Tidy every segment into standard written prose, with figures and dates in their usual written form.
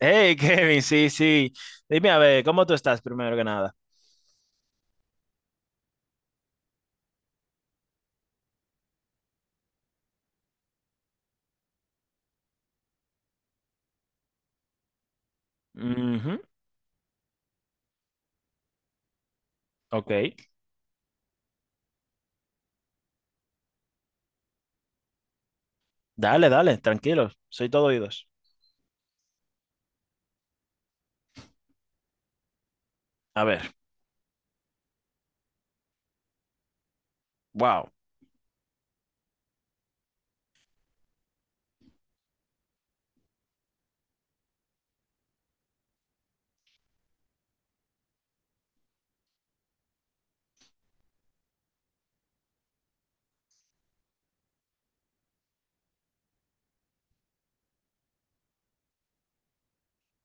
Hey, Kevin, sí, sí. Dime a ver, ¿cómo tú estás primero que nada? Ujú, ok. Dale, dale, tranquilo. Soy todo oídos. A ver, wow.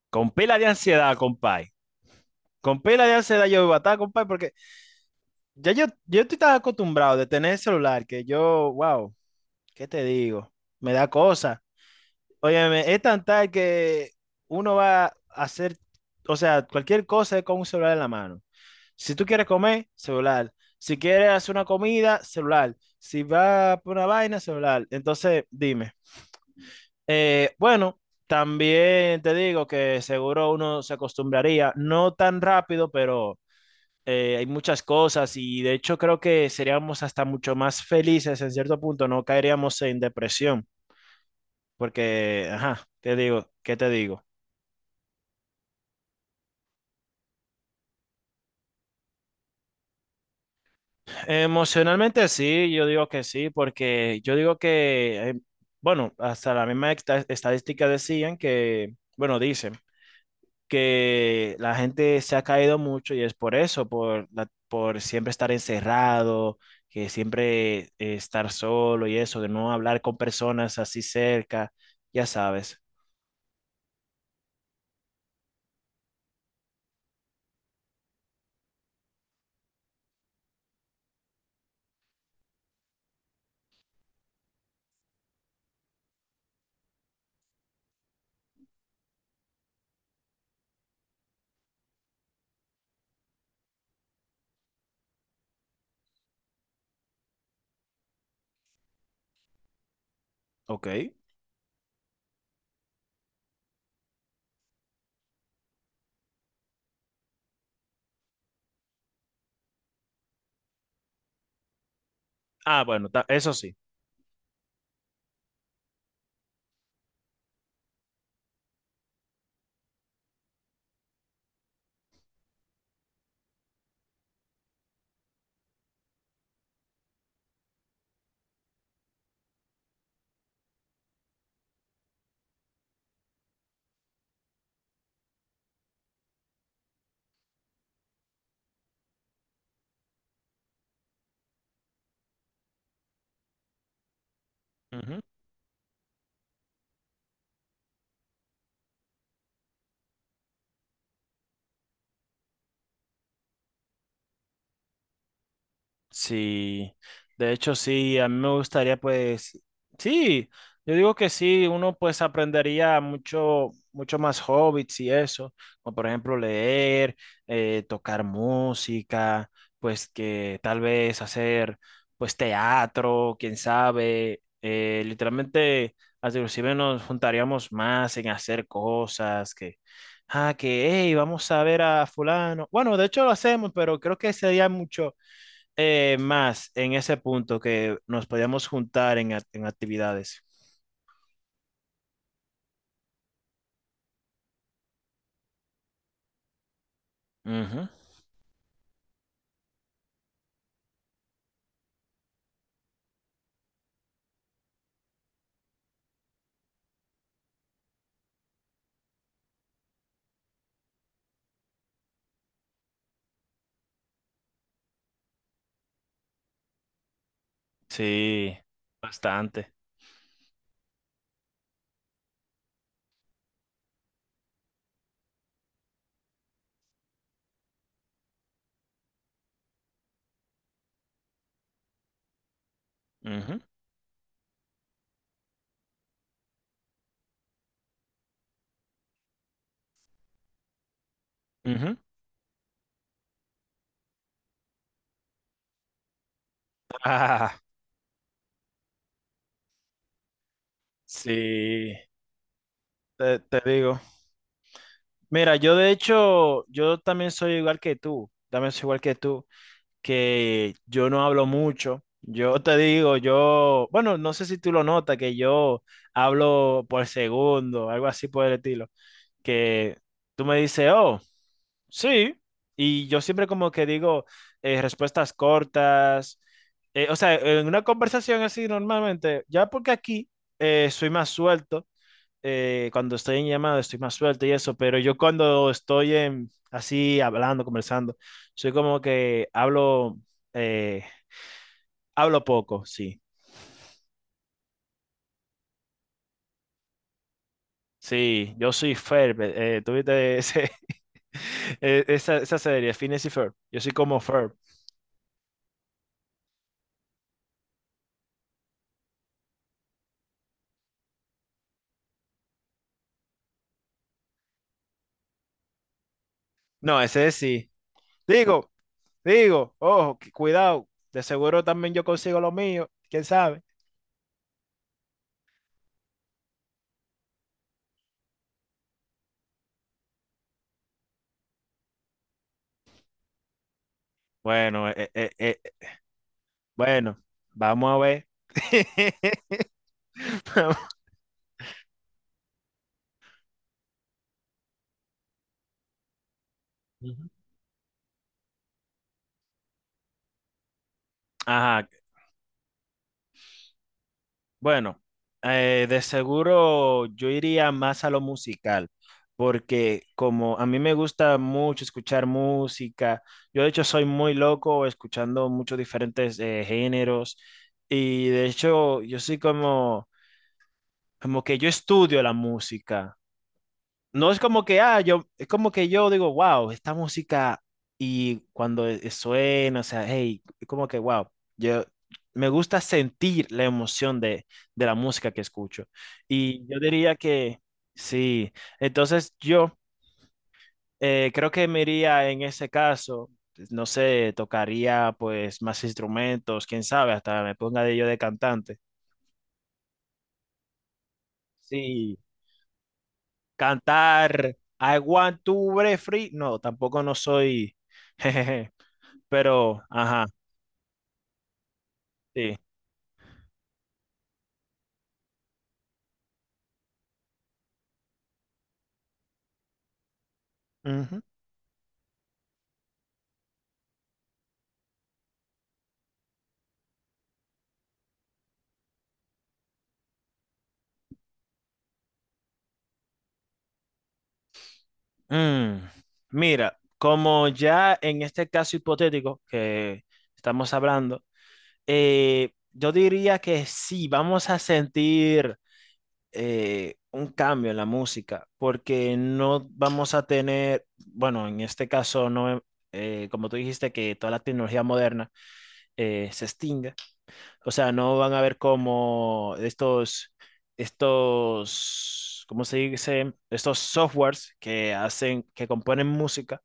Con pila de ansiedad, compay. Con pila de ansiedad yo iba a estar, compay, porque ya yo estoy tan acostumbrado de tener el celular que yo, wow, ¿qué te digo? Me da cosa. Óyeme, es tan tal que uno va a hacer, o sea, cualquier cosa es con un celular en la mano. Si tú quieres comer, celular. Si quieres hacer una comida, celular. Si vas por una vaina, celular. Entonces, dime. Bueno, también te digo que seguro uno se acostumbraría, no tan rápido, pero hay muchas cosas y de hecho creo que seríamos hasta mucho más felices en cierto punto, no caeríamos en depresión, porque, ajá, te digo, ¿qué te digo? Emocionalmente sí, yo digo que sí, porque yo digo que, bueno, hasta la misma estadística decían que, bueno, dicen que la gente se ha caído mucho y es por eso, por, por siempre estar encerrado, que siempre estar solo y eso, de no hablar con personas así cerca, ya sabes. Ok. Ah, bueno, eso sí. Sí, de hecho sí, a mí me gustaría pues, sí, yo digo que sí, uno pues aprendería mucho, mucho más hobbits y eso, como por ejemplo leer, tocar música, pues que tal vez hacer pues teatro, quién sabe, literalmente hasta inclusive nos juntaríamos más en hacer cosas que, ah, que, hey, vamos a ver a fulano, bueno, de hecho lo hacemos, pero creo que sería mucho más en ese punto que nos podíamos juntar en, en actividades. Ujú. Sí, bastante. Ujú, ujú. Ah, sí, te digo. Mira, yo de hecho, yo también soy igual que tú, también soy igual que tú, que yo no hablo mucho. Yo te digo, yo, bueno, no sé si tú lo notas, que yo hablo por segundo, algo así por el estilo, que tú me dices, oh. Sí, y yo siempre como que digo respuestas cortas, o sea, en una conversación así normalmente, ya porque aquí soy más suelto, cuando estoy en llamada estoy más suelto y eso, pero yo cuando estoy en, así hablando, conversando, soy como que hablo, eh, hablo poco, sí. Sí, yo soy Ferb, tuviste ese, esa, esa serie, Phineas y Ferb, yo soy como Ferb. No, ese es sí. Digo, Digo, ojo, cuidado, de seguro también yo consigo lo mío, quién sabe. Bueno, bueno, vamos a ver. Vamos. Ujú. Ajá, bueno, de seguro yo iría más a lo musical, porque como a mí me gusta mucho escuchar música, yo de hecho soy muy loco escuchando muchos diferentes géneros y de hecho yo soy como, como que yo estudio la música. No es como que, ah, yo, es como que yo digo, wow, esta música y cuando suena, o sea, hey, es como que, wow, yo me gusta sentir la emoción de la música que escucho. Y yo diría que sí, entonces yo creo que me iría en ese caso, pues, no sé, tocaría pues más instrumentos, quién sabe, hasta me ponga de yo de cantante. Sí. Cantar I want to break free. No, tampoco no soy. jejeje, pero, ajá, sí. Ujú. Mm, Mira, como ya en este caso hipotético que estamos hablando, yo diría que sí, vamos a sentir un cambio en la música, porque no vamos a tener, bueno, en este caso no, como tú dijiste que toda la tecnología moderna se extingue. O sea, no van a ver como estos, estos, ¿cómo se dice? Estos softwares que hacen, que componen música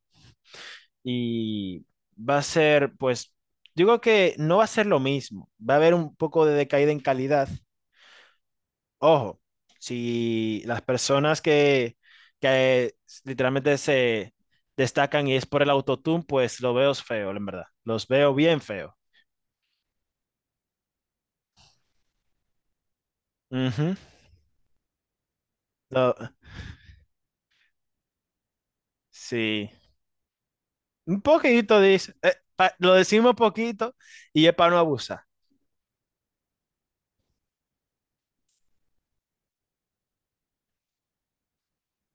y va a ser, pues, digo que no va a ser lo mismo. Va a haber un poco de decaída en calidad. Ojo, si las personas que literalmente se destacan y es por el autotune, pues lo veo feo, en verdad. Los veo bien feo. Ujú. Lo- sí. Un poquito, dice. Lo decimos poquito y es para no abusar.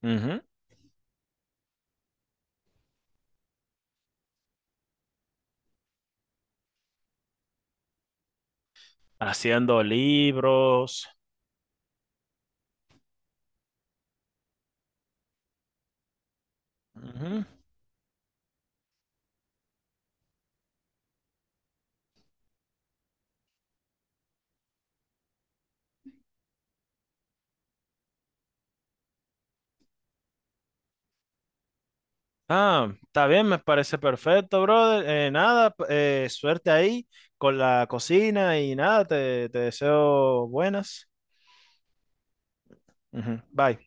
Ujú. Haciendo libros. Ujú. Ah, está bien, me parece perfecto, brother. Nada, suerte ahí con la cocina y nada, te deseo buenas. Ujú. Bye.